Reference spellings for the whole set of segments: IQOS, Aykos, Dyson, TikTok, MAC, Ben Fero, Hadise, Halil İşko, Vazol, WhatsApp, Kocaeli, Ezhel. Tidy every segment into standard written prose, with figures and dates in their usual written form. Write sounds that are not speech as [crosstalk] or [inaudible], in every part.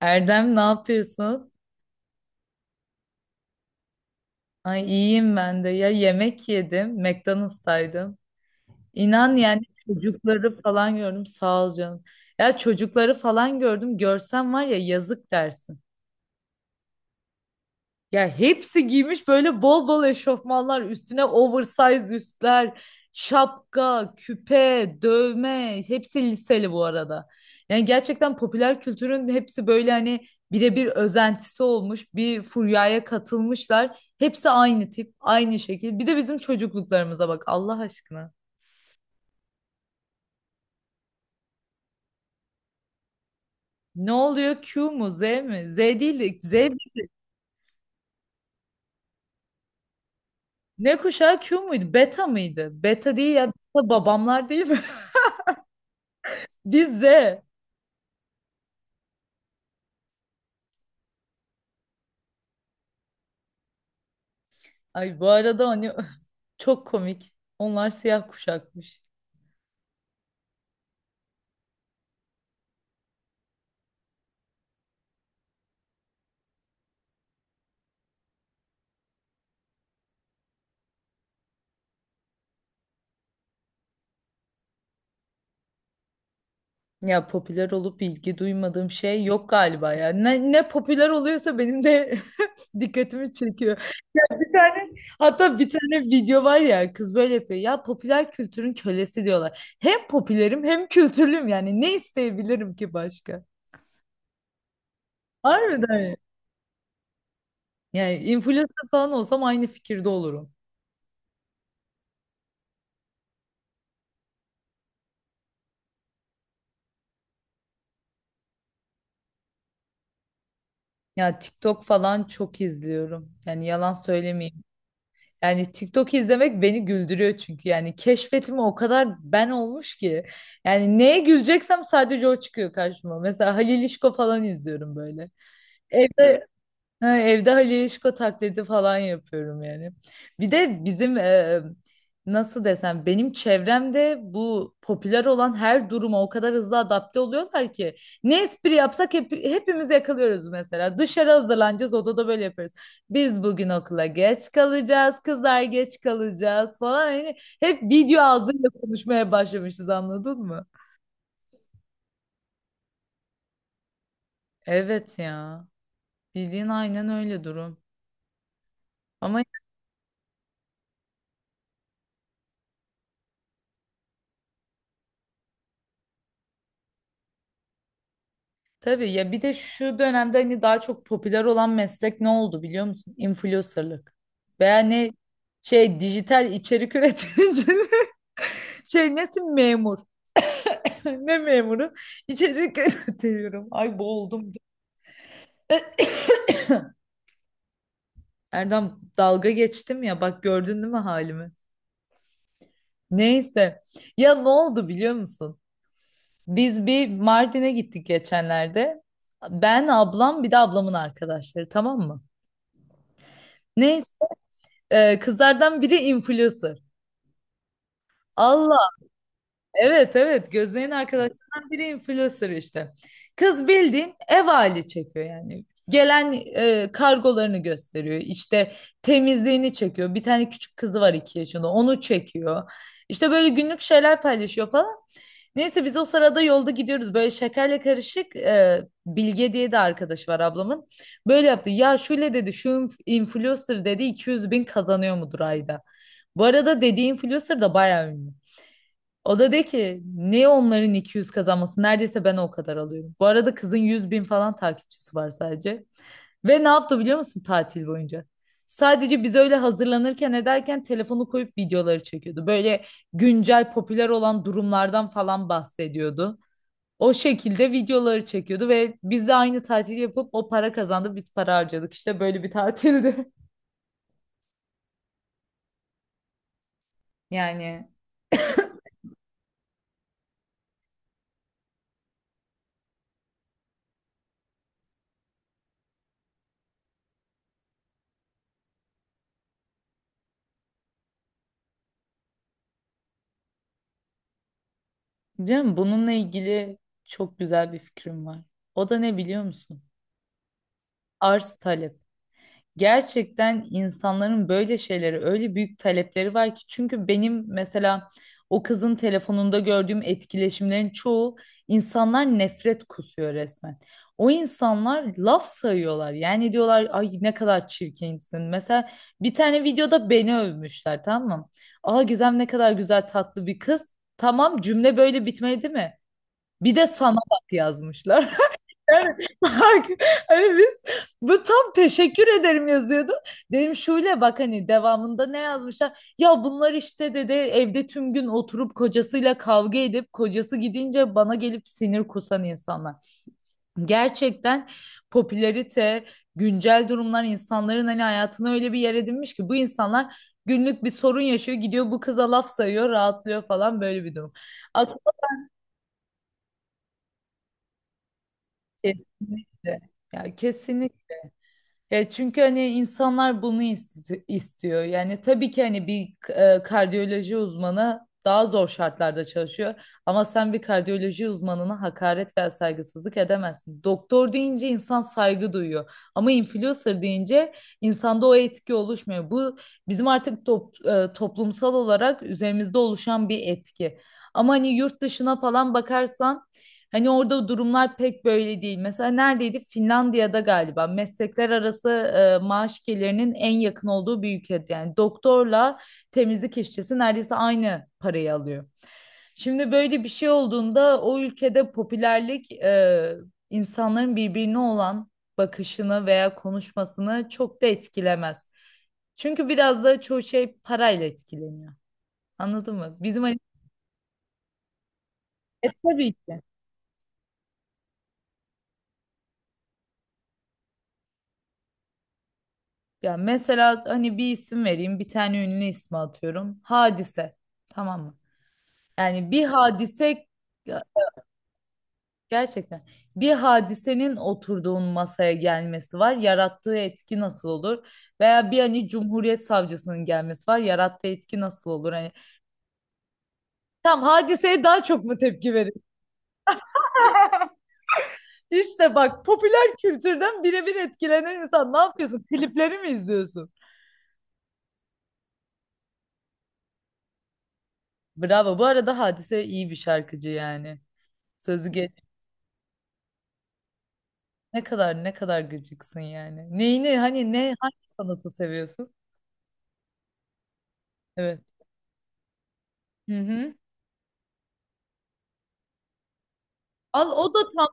Erdem ne yapıyorsun? Ay, iyiyim ben de. Ya yemek yedim. McDonald's'taydım. İnan yani çocukları falan gördüm. Sağ ol canım. Ya çocukları falan gördüm. Görsen var ya yazık dersin. Ya hepsi giymiş böyle bol bol eşofmanlar, üstüne oversize üstler, şapka, küpe, dövme, hepsi liseli bu arada. Yani gerçekten popüler kültürün hepsi böyle hani birebir özentisi olmuş, bir furyaya katılmışlar. Hepsi aynı tip, aynı şekil. Bir de bizim çocukluklarımıza bak Allah aşkına. Ne oluyor? Q mu? Z mi? Z değil de. Z. Ne kuşağı, Q muydu? Beta mıydı? Beta değil ya. Beta babamlar değil mi? [laughs] Biz Z. Ay, bu arada hani [laughs] çok komik. Onlar siyah kuşakmış. Ya popüler olup ilgi duymadığım şey yok galiba ya. Ne popüler oluyorsa benim de [laughs] dikkatimi çekiyor. Ya, bir tane, hatta bir tane video var ya, kız böyle yapıyor. Ya popüler kültürün kölesi diyorlar. Hem popülerim hem kültürlüyüm, yani ne isteyebilirim ki başka? Harbiden ya. Yani influencer falan olsam aynı fikirde olurum. Ya TikTok falan çok izliyorum. Yani yalan söylemeyeyim. Yani TikTok izlemek beni güldürüyor çünkü. Yani keşfetime o kadar ben olmuş ki. Yani neye güleceksem sadece o çıkıyor karşıma. Mesela Halil İşko falan izliyorum böyle. Evde, ha, evde Halil Yeşko taklidi falan yapıyorum yani. Bir de bizim nasıl desem benim çevremde bu popüler olan her duruma o kadar hızlı adapte oluyorlar ki ne espri yapsak hepimiz yakalıyoruz mesela. Dışarı hazırlanacağız, odada böyle yapıyoruz. Biz bugün okula geç kalacağız, kızlar geç kalacağız falan. Yani hep video ağzıyla konuşmaya başlamışız, anladın mı? Evet ya. Bildiğin aynen öyle durum. Ama tabii ya, bir de şu dönemde hani daha çok popüler olan meslek ne oldu biliyor musun? Influencer'lık. Veya ne, şey, dijital içerik üreticiliği. [laughs] Şey, nesin, memur? [laughs] Ne memuru? İçerik [laughs] üretiyorum. Ay boğuldum. Erdem, dalga geçtim ya, bak gördün değil mi halimi? Neyse. Ya ne oldu biliyor musun? Biz bir Mardin'e gittik geçenlerde. Ben, ablam bir de ablamın arkadaşları, tamam mı? Neyse. Kızlardan biri influencer. Allah. Evet, evet, gözlerin arkadaşlarından biri influencer işte. Kız bildiğin ev hali çekiyor yani. Gelen kargolarını gösteriyor. İşte temizliğini çekiyor. Bir tane küçük kızı var, iki yaşında, onu çekiyor. İşte böyle günlük şeyler paylaşıyor falan. Neyse, biz o sırada yolda gidiyoruz. Böyle şekerle karışık, Bilge diye de arkadaş var ablamın. Böyle yaptı. Ya şöyle dedi, şu influencer dedi 200 bin kazanıyor mudur ayda? Bu arada dediği influencer da bayağı ünlü. O da de ki niye onların 200 kazanması? Neredeyse ben o kadar alıyorum. Bu arada kızın 100 bin falan takipçisi var sadece. Ve ne yaptı biliyor musun tatil boyunca? Sadece biz öyle hazırlanırken ederken telefonu koyup videoları çekiyordu. Böyle güncel popüler olan durumlardan falan bahsediyordu. O şekilde videoları çekiyordu ve biz de aynı tatili yapıp o para kazandı, biz para harcadık. İşte böyle bir tatildi. [laughs] Yani canım, bununla ilgili çok güzel bir fikrim var. O da ne biliyor musun? Arz talep. Gerçekten insanların böyle şeyleri öyle büyük talepleri var ki, çünkü benim mesela o kızın telefonunda gördüğüm etkileşimlerin çoğu, insanlar nefret kusuyor resmen. O insanlar laf sayıyorlar. Yani diyorlar ay ne kadar çirkinsin. Mesela bir tane videoda beni övmüşler, tamam mı? Aa, Gizem ne kadar güzel tatlı bir kız. Tamam, cümle böyle bitmedi mi? Bir de sana bak yazmışlar. Evet, bak hani biz, bu tam teşekkür ederim yazıyordu. Dedim şöyle bak, hani devamında ne yazmışlar? Ya bunlar işte dedi evde tüm gün oturup kocasıyla kavga edip kocası gidince bana gelip sinir kusan insanlar. Gerçekten popülarite, güncel durumlar insanların hani hayatına öyle bir yer edinmiş ki bu insanlar günlük bir sorun yaşıyor, gidiyor bu kıza laf sayıyor, rahatlıyor falan, böyle bir durum. Aslında kesinlikle. Ya kesinlikle. Ya çünkü hani insanlar bunu istiyor. Yani tabii ki hani bir kardiyoloji uzmanı daha zor şartlarda çalışıyor. Ama sen bir kardiyoloji uzmanına hakaret veya saygısızlık edemezsin. Doktor deyince insan saygı duyuyor. Ama influencer deyince insanda o etki oluşmuyor. Bu bizim artık toplumsal olarak üzerimizde oluşan bir etki. Ama hani yurt dışına falan bakarsan, hani orada durumlar pek böyle değil. Mesela neredeydi? Finlandiya'da galiba meslekler arası maaş gelirinin en yakın olduğu bir ülke. Yani doktorla temizlik işçisi neredeyse aynı parayı alıyor. Şimdi böyle bir şey olduğunda o ülkede popülerlik insanların birbirine olan bakışını veya konuşmasını çok da etkilemez. Çünkü biraz da çoğu şey parayla etkileniyor. Anladın mı? Bizim hani, tabii. Ya mesela hani bir isim vereyim, bir tane ünlü ismi atıyorum. Hadise. Tamam mı? Yani bir hadise, ya gerçekten bir hadisenin oturduğun masaya gelmesi var. Yarattığı etki nasıl olur? Veya bir hani Cumhuriyet Savcısının gelmesi var. Yarattığı etki nasıl olur? Hani tam hadiseye daha çok mu tepki verir? İşte bak popüler kültürden birebir etkilenen insan, ne yapıyorsun? Klipleri mi izliyorsun? Bravo. Bu arada Hadise iyi bir şarkıcı yani. Sözü. Ne kadar ne kadar gıcıksın yani. Neyini hani, ne, hangi sanatı seviyorsun? Evet. Hı hı. Al, o da tam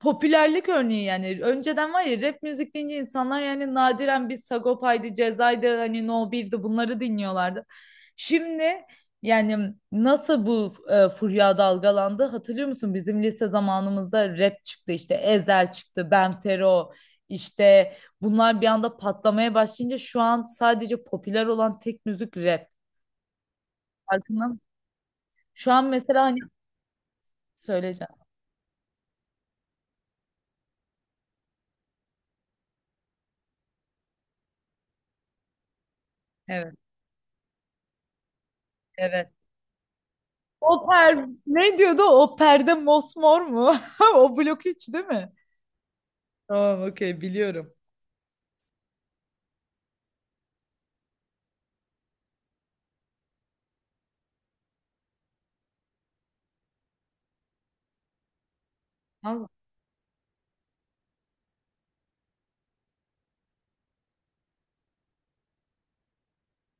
popülerlik örneği yani. Önceden var ya, rap müzik deyince insanlar yani nadiren bir Sagopa'ydı, Ceza'ydı, hani No 1'di bunları dinliyorlardı. Şimdi yani nasıl bu furya dalgalandı, hatırlıyor musun? Bizim lise zamanımızda rap çıktı, işte Ezhel çıktı, Ben Fero, işte bunlar bir anda patlamaya başlayınca şu an sadece popüler olan tek müzik rap. Farkında mı? Şu an mesela hani söyleyeceğim. Evet, evet. O per ne diyordu? O perde mosmor mu? [laughs] O blok hiç değil mi? Tamam, okey, biliyorum. Vallahi.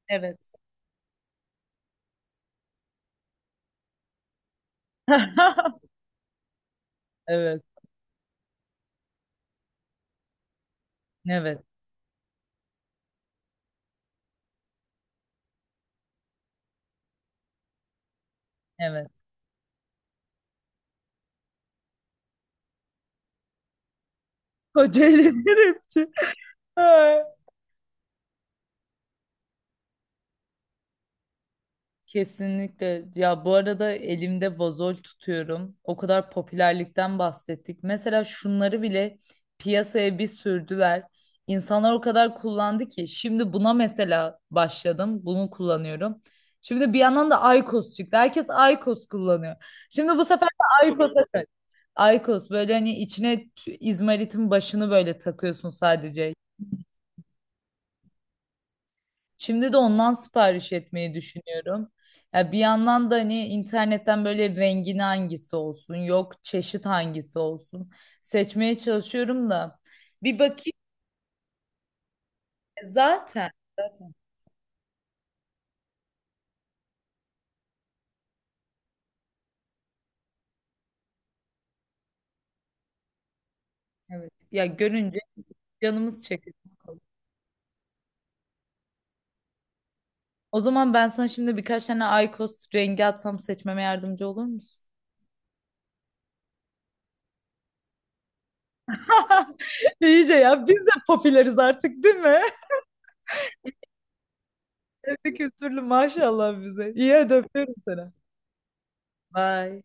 Evet, [laughs] evet, evet, evet. Kocaeli rapçi. [laughs] Kesinlikle. Ya bu arada elimde vazol tutuyorum. O kadar popülerlikten bahsettik. Mesela şunları bile piyasaya bir sürdüler. İnsanlar o kadar kullandı ki şimdi buna mesela başladım. Bunu kullanıyorum. Şimdi bir yandan da Aykos çıktı. Herkes Aykos kullanıyor. Şimdi bu sefer de Aykos'a kaç. Aykos böyle hani içine izmaritin başını böyle takıyorsun sadece. Şimdi de ondan sipariş etmeyi düşünüyorum. Ya bir yandan da hani internetten böyle rengin hangisi olsun, yok çeşit hangisi olsun seçmeye çalışıyorum da bir bakayım. E, zaten. Zaten evet. Ya görünce canımız çekiyor. O zaman ben sana şimdi birkaç tane IQOS rengi atsam seçmeme yardımcı olur musun? [laughs] İyice ya, biz de popüleriz artık değil mi? [laughs] Kültürlü maşallah bize. İyi, hadi öpüyorum seni. Bye.